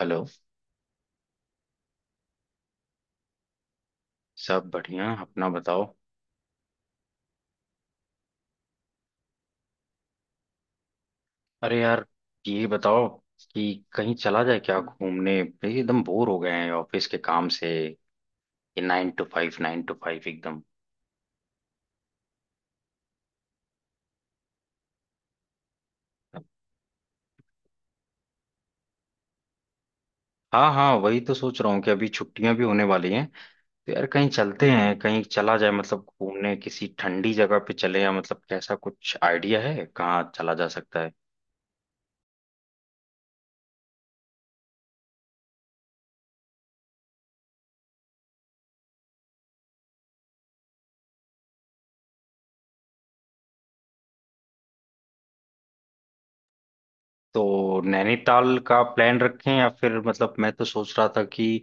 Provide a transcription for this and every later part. Hello. सब बढ़िया अपना बताओ। अरे यार, ये बताओ कि कहीं चला जाए क्या, घूमने भाई, एकदम बोर हो गए हैं ऑफिस के काम से। ये 9 to 5 9 to 5 एकदम। हाँ हाँ, वही तो सोच रहा हूँ कि अभी छुट्टियां भी होने वाली हैं। तो यार कहीं चलते हैं, कहीं चला जाए मतलब घूमने, किसी ठंडी जगह पे चले, या मतलब कैसा, कुछ आइडिया है कहाँ चला जा सकता है? तो नैनीताल का प्लान रखें, या फिर मतलब मैं तो सोच रहा था कि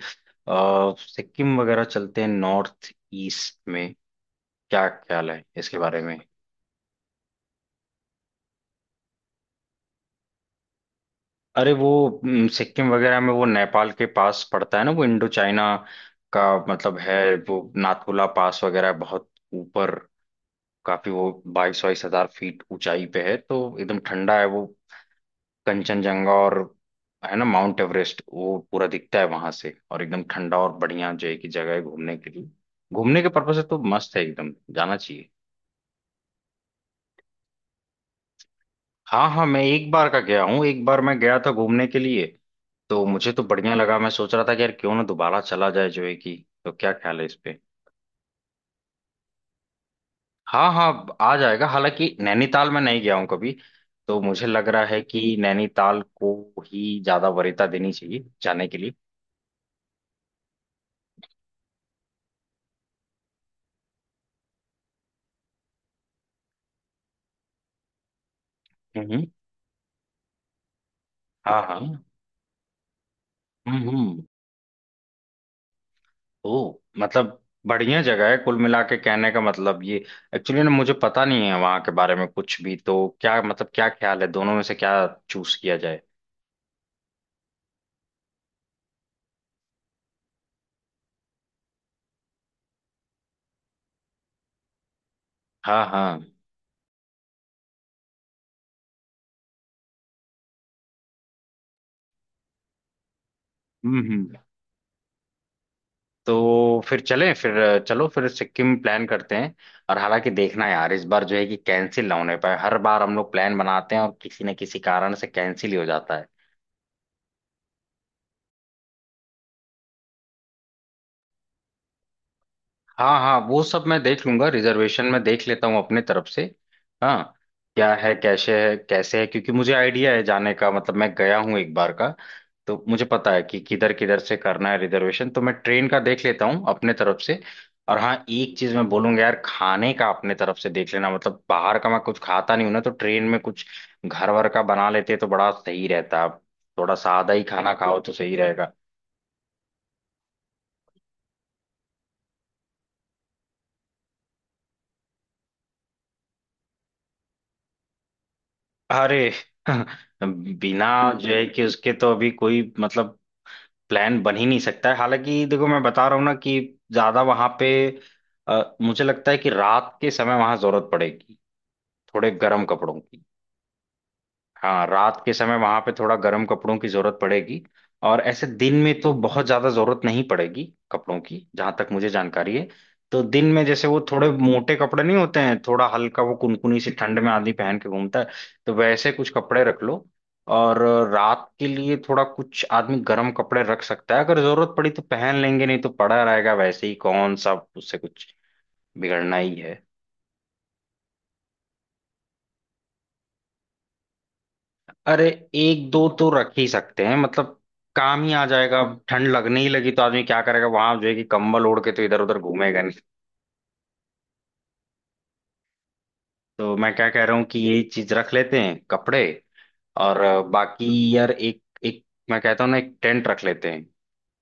सिक्किम वगैरह चलते हैं नॉर्थ ईस्ट में। क्या ख्याल है इसके बारे में? अरे वो सिक्किम वगैरह में, वो नेपाल के पास पड़ता है ना, वो इंडो चाइना का मतलब है। वो नाथुला पास वगैरह बहुत ऊपर काफी, वो बाईस बाईस हजार फीट ऊंचाई पे है, तो एकदम ठंडा है वो। कंचनजंगा और है ना, माउंट एवरेस्ट वो पूरा दिखता है वहां से, और एकदम ठंडा और बढ़िया, जो है कि जगह है घूमने के लिए। घूमने के पर्पज से तो मस्त है, एकदम जाना चाहिए। हाँ हाँ, मैं एक बार का गया हूँ, एक बार मैं गया था घूमने के लिए। तो मुझे तो बढ़िया लगा, मैं सोच रहा था कि यार क्यों ना दोबारा चला जाए जो है कि। तो क्या ख्याल है इस पे? हाँ हाँ, आ जाएगा, हालांकि नैनीताल में नहीं गया हूँ कभी। तो मुझे लग रहा है कि नैनीताल को ही ज्यादा वरीयता देनी चाहिए जाने के लिए। हम्म हम्म, हाँ हाँ, हम्म, ओ मतलब बढ़िया जगह है कुल मिला के, कहने का मतलब ये। एक्चुअली ना मुझे पता नहीं है वहाँ के बारे में कुछ भी, तो क्या मतलब, क्या ख्याल है दोनों में से क्या चूज किया जाए? हाँ हाँ, हम्म। तो फिर चलें फिर चलो, फिर सिक्किम प्लान करते हैं। और हालांकि देखना यार, इस बार जो है कि कैंसिल ना होने पाए, हर बार हम लोग प्लान बनाते हैं और किसी न किसी कारण से कैंसिल ही हो जाता है। हाँ हाँ, वो सब मैं देख लूंगा, रिजर्वेशन में देख लेता हूँ अपने तरफ से। हाँ। क्या है, कैसे है कैसे है, क्योंकि मुझे आइडिया है जाने का, मतलब मैं गया हूँ एक बार का। तो मुझे पता है कि किधर किधर से करना है रिजर्वेशन, तो मैं ट्रेन का देख लेता हूँ अपने तरफ से। और हाँ एक चीज मैं बोलूंगा यार, खाने का अपने तरफ से देख लेना, मतलब बाहर का मैं कुछ खाता नहीं हूं ना, तो ट्रेन में कुछ घर वर का बना लेते तो बड़ा सही रहता। थोड़ा सादा ही खाना खाओ तो सही रहेगा। अरे बिना जो है कि उसके तो अभी कोई मतलब, प्लान बन ही नहीं सकता है। हालांकि देखो, मैं बता रहा हूँ ना कि ज्यादा वहां पे मुझे लगता है कि रात के समय वहां जरूरत पड़ेगी थोड़े गर्म कपड़ों की। हाँ, रात के समय वहां पे थोड़ा गर्म कपड़ों की जरूरत पड़ेगी, और ऐसे दिन में तो बहुत ज्यादा जरूरत नहीं पड़ेगी कपड़ों की, जहां तक मुझे जानकारी है। तो दिन में जैसे वो थोड़े मोटे कपड़े नहीं होते हैं, थोड़ा हल्का, वो कुनकुनी सी ठंड में आदमी पहन के घूमता है। तो वैसे कुछ कपड़े रख लो, और रात के लिए थोड़ा कुछ आदमी गर्म कपड़े रख सकता है, अगर जरूरत पड़ी तो पहन लेंगे, नहीं तो पड़ा रहेगा वैसे ही, कौन सा उससे कुछ बिगड़ना ही है। अरे एक दो तो रख ही सकते हैं मतलब, काम ही आ जाएगा। अब ठंड लगने ही लगी तो आदमी क्या करेगा वहां, जो है कि कंबल ओढ़ के तो इधर उधर घूमेगा नहीं। तो मैं क्या कह रहा हूँ कि ये चीज रख लेते हैं कपड़े। और बाकी यार, एक एक मैं कहता हूँ ना, एक टेंट रख लेते हैं।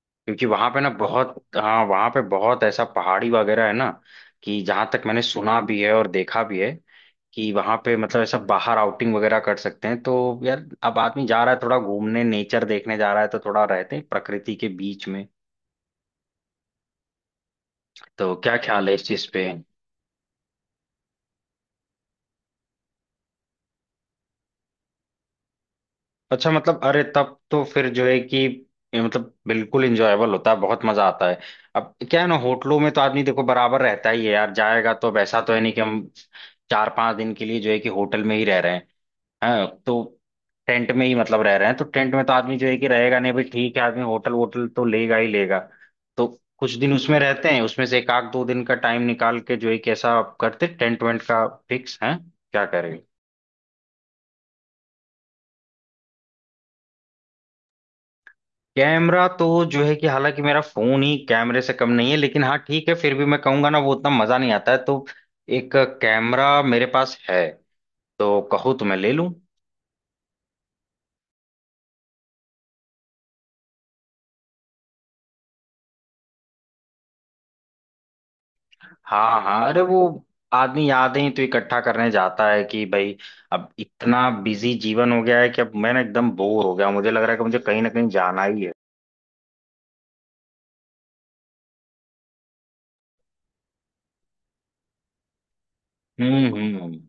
क्योंकि वहां पे ना बहुत, हाँ वहां पे बहुत ऐसा पहाड़ी वगैरह है ना, कि जहां तक मैंने सुना भी है और देखा भी है, कि वहां पे मतलब ऐसा बाहर आउटिंग वगैरह कर सकते हैं। तो यार, अब आदमी जा रहा है थोड़ा घूमने, नेचर देखने जा रहा है, तो थोड़ा रहते हैं प्रकृति के बीच में। तो क्या ख्याल है इस चीज पे? अच्छा मतलब, अरे तब तो फिर जो है कि ये मतलब बिल्कुल इंजॉयबल होता है, बहुत मजा आता है। अब क्या है ना, होटलों में तो आदमी देखो बराबर रहता ही है यार, जाएगा तो, अब ऐसा तो है नहीं कि हम चार पांच दिन के लिए जो है कि होटल में ही रह रहे हैं। हाँ, तो टेंट में ही मतलब रह रहे हैं, तो टेंट में तो आदमी जो है कि रहेगा नहीं, भाई ठीक है, आदमी होटल वोटल तो लेगा ही लेगा। तो कुछ दिन उसमें रहते हैं, उसमें से एक आध दो दिन का टाइम निकाल के जो है कि ऐसा आप करते टेंट वेंट का, फिक्स है क्या करेंगे? कैमरा तो जो है कि हालांकि मेरा फोन ही कैमरे से कम नहीं है, लेकिन हाँ ठीक है, फिर भी मैं कहूंगा ना, वो उतना मजा नहीं आता है, तो एक कैमरा मेरे पास है, तो कहो तो मैं ले लूं। हाँ हाँ, अरे वो, आदमी यादें तो इकट्ठा करने जाता है कि भाई। अब इतना बिजी जीवन हो गया है कि अब मैं ना एकदम बोर हो गया, मुझे लग रहा है कि मुझे कहीं ना कहीं जाना ही है। हम्म।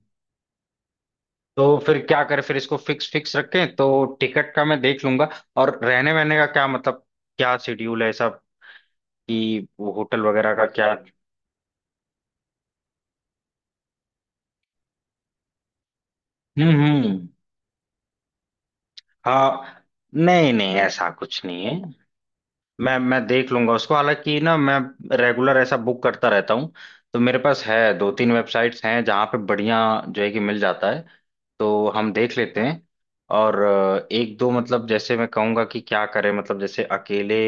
तो फिर क्या करें, फिर इसको फिक्स फिक्स रखें, तो टिकट का मैं देख लूंगा। और रहने वहने का क्या, मतलब क्या शेड्यूल है सब, कि वो होटल वगैरह का क्या? हम्म। हाँ, नहीं नहीं, ऐसा कुछ नहीं है। मैं देख लूंगा उसको, हालांकि ना, मैं रेगुलर ऐसा बुक करता रहता हूँ, तो मेरे पास है दो तीन वेबसाइट्स, हैं जहाँ पे बढ़िया जो है कि मिल जाता है, तो हम देख लेते हैं। और एक दो, मतलब जैसे मैं कहूँगा कि क्या करें, मतलब जैसे अकेले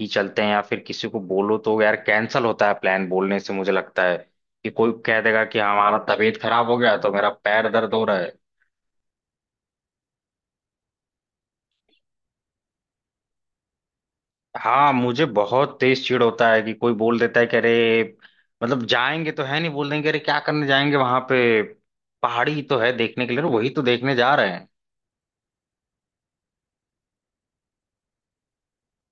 ही चलते हैं या फिर किसी को बोलो, तो यार कैंसिल होता है प्लान बोलने से, मुझे लगता है कि कोई कह देगा कि हमारा तबीयत खराब हो गया, तो मेरा पैर दर्द हो रहा है। हाँ, मुझे बहुत तेज चिढ़ होता है कि कोई बोल देता है कि अरे, मतलब जाएंगे तो है नहीं, बोल देंगे अरे क्या करने जाएंगे वहां पे, पहाड़ी तो है देखने के लिए, वही तो देखने जा रहे हैं।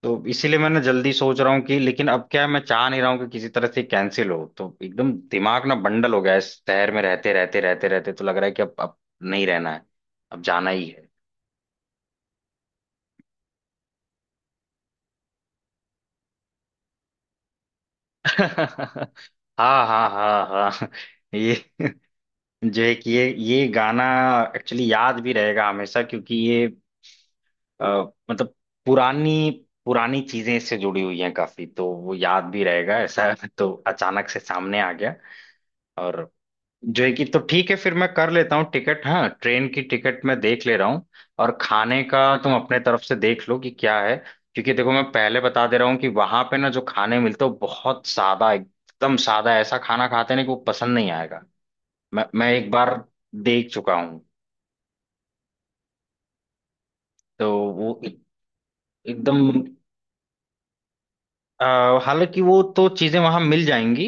तो इसीलिए मैंने जल्दी सोच रहा हूँ कि, लेकिन अब क्या है, मैं चाह नहीं रहा हूँ कि किसी तरह से कैंसिल हो, तो एकदम दिमाग ना बंडल हो गया है इस शहर में रहते रहते, तो लग रहा है कि अब नहीं रहना है, अब जाना ही है। हाँ हाँ हाँ हाँ, ये जो एक ये गाना एक्चुअली याद भी रहेगा हमेशा, क्योंकि ये अ, मतलब पुरानी पुरानी चीजें इससे जुड़ी हुई हैं काफी, तो वो याद भी रहेगा ऐसा। तो अचानक से सामने आ गया। और जो है कि तो ठीक है, फिर मैं कर लेता हूँ टिकट, हाँ ट्रेन की टिकट मैं देख ले रहा हूँ। और खाने का तुम अपने तरफ से देख लो कि क्या है, क्योंकि देखो मैं पहले बता दे रहा हूँ कि वहां पे ना जो खाने मिलते हो, बहुत सादा, एकदम सादा ऐसा खाना खाते हैं ना, कि वो पसंद नहीं आएगा। मैं एक बार देख चुका हूँ, तो वो एकदम अ, हालांकि वो तो चीजें वहां मिल जाएंगी,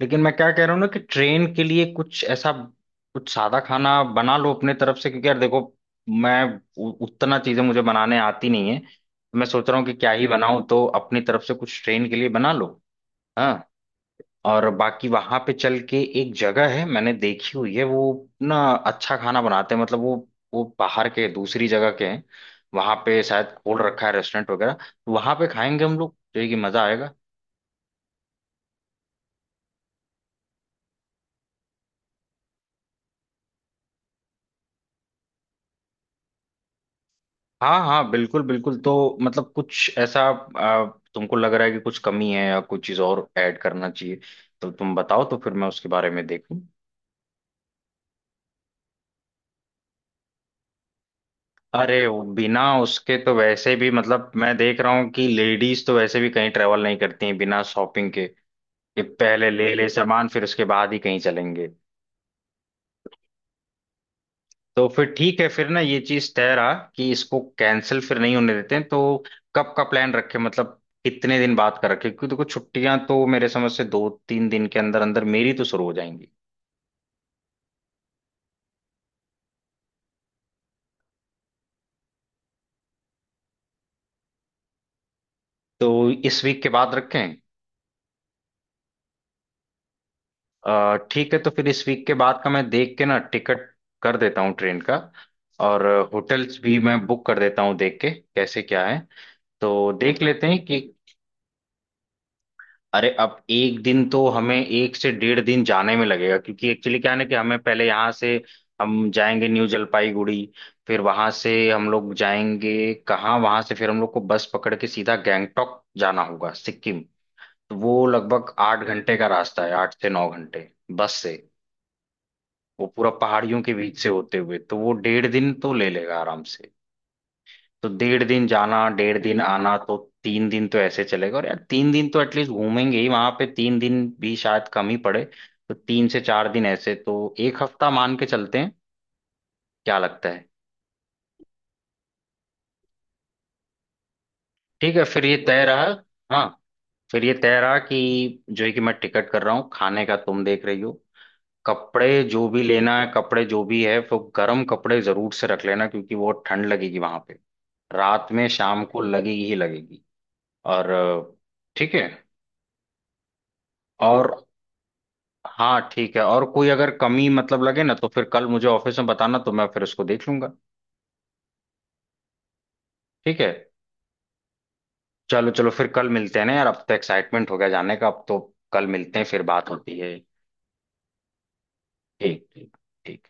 लेकिन मैं क्या कह रहा हूँ ना कि ट्रेन के लिए कुछ ऐसा, कुछ सादा खाना बना लो अपने तरफ से। क्योंकि यार देखो, मैं उतना चीजें मुझे बनाने आती नहीं है, मैं सोच रहा हूँ कि क्या ही बनाऊं, तो अपनी तरफ से कुछ ट्रेन के लिए बना लो। हाँ। और बाकी वहां पे चल के एक जगह है मैंने देखी हुई है वो ना, अच्छा खाना बनाते हैं, मतलब वो बाहर के दूसरी जगह के हैं, वहां पे शायद खोल रखा है रेस्टोरेंट वगैरह, तो वहां पे खाएंगे हम लोग, जो है कि मजा आएगा। हाँ हाँ बिल्कुल बिल्कुल, तो मतलब कुछ ऐसा आ, तुमको लग रहा है कि कुछ कमी है या कुछ चीज और ऐड करना चाहिए, तो तुम बताओ, तो फिर मैं उसके बारे में देखूं। अरे वो बिना उसके तो वैसे भी मतलब, मैं देख रहा हूँ कि लेडीज तो वैसे भी कहीं ट्रेवल नहीं करती हैं बिना शॉपिंग के, कि पहले ले ले सामान, फिर उसके बाद ही कहीं चलेंगे। तो फिर ठीक है, फिर ना ये चीज तय रहा कि इसको कैंसिल फिर नहीं होने देते हैं, तो कब का प्लान रखे, मतलब कितने दिन बाद का रखे, क्योंकि देखो छुट्टियां तो मेरे समझ से दो तीन दिन के अंदर अंदर मेरी तो शुरू हो जाएंगी। तो इस वीक के बाद रखें। ठीक है, तो फिर इस वीक के बाद का मैं देख के ना टिकट कर देता हूँ ट्रेन का, और होटल्स भी मैं बुक कर देता हूँ, देख के कैसे क्या है, तो देख लेते हैं कि। अरे अब एक दिन तो, हमें एक से 1.5 दिन जाने में लगेगा, क्योंकि एक्चुअली क्या है ना, कि हमें पहले यहाँ से हम जाएंगे न्यू जलपाईगुड़ी, फिर वहां से हम लोग जाएंगे कहाँ, वहां से फिर हम लोग को बस पकड़ के सीधा गैंगटोक जाना होगा, सिक्किम। तो वो लगभग 8 घंटे का रास्ता है, 8 से 9 घंटे बस से, वो पूरा पहाड़ियों के बीच से होते हुए, तो वो 1.5 दिन तो ले लेगा आराम से। तो 1.5 दिन जाना, 1.5 दिन आना, तो 3 दिन तो ऐसे चलेगा, और यार 3 दिन तो एटलीस्ट घूमेंगे ही वहां पे, 3 दिन भी शायद कम ही पड़े, तो 3 से 4 दिन ऐसे, तो एक हफ्ता मान के चलते हैं। क्या लगता है? ठीक है, फिर ये तय रहा। हाँ, फिर ये तय रहा कि जो है कि मैं टिकट कर रहा हूँ, खाने का तुम देख रही हो, कपड़े जो भी लेना है, कपड़े जो भी है, तो गर्म कपड़े जरूर से रख लेना क्योंकि वो ठंड लगेगी वहां पे, रात में शाम को लगेगी ही लगेगी। और ठीक है, और हाँ ठीक है, और कोई अगर कमी मतलब लगे ना तो फिर कल मुझे ऑफिस में बताना, तो मैं फिर उसको देख लूंगा। ठीक है। चलो चलो फिर कल मिलते हैं ना यार, अब तो एक्साइटमेंट हो गया जाने का अब तो, कल मिलते हैं, फिर बात होती है। ठीक ठीक ठीक।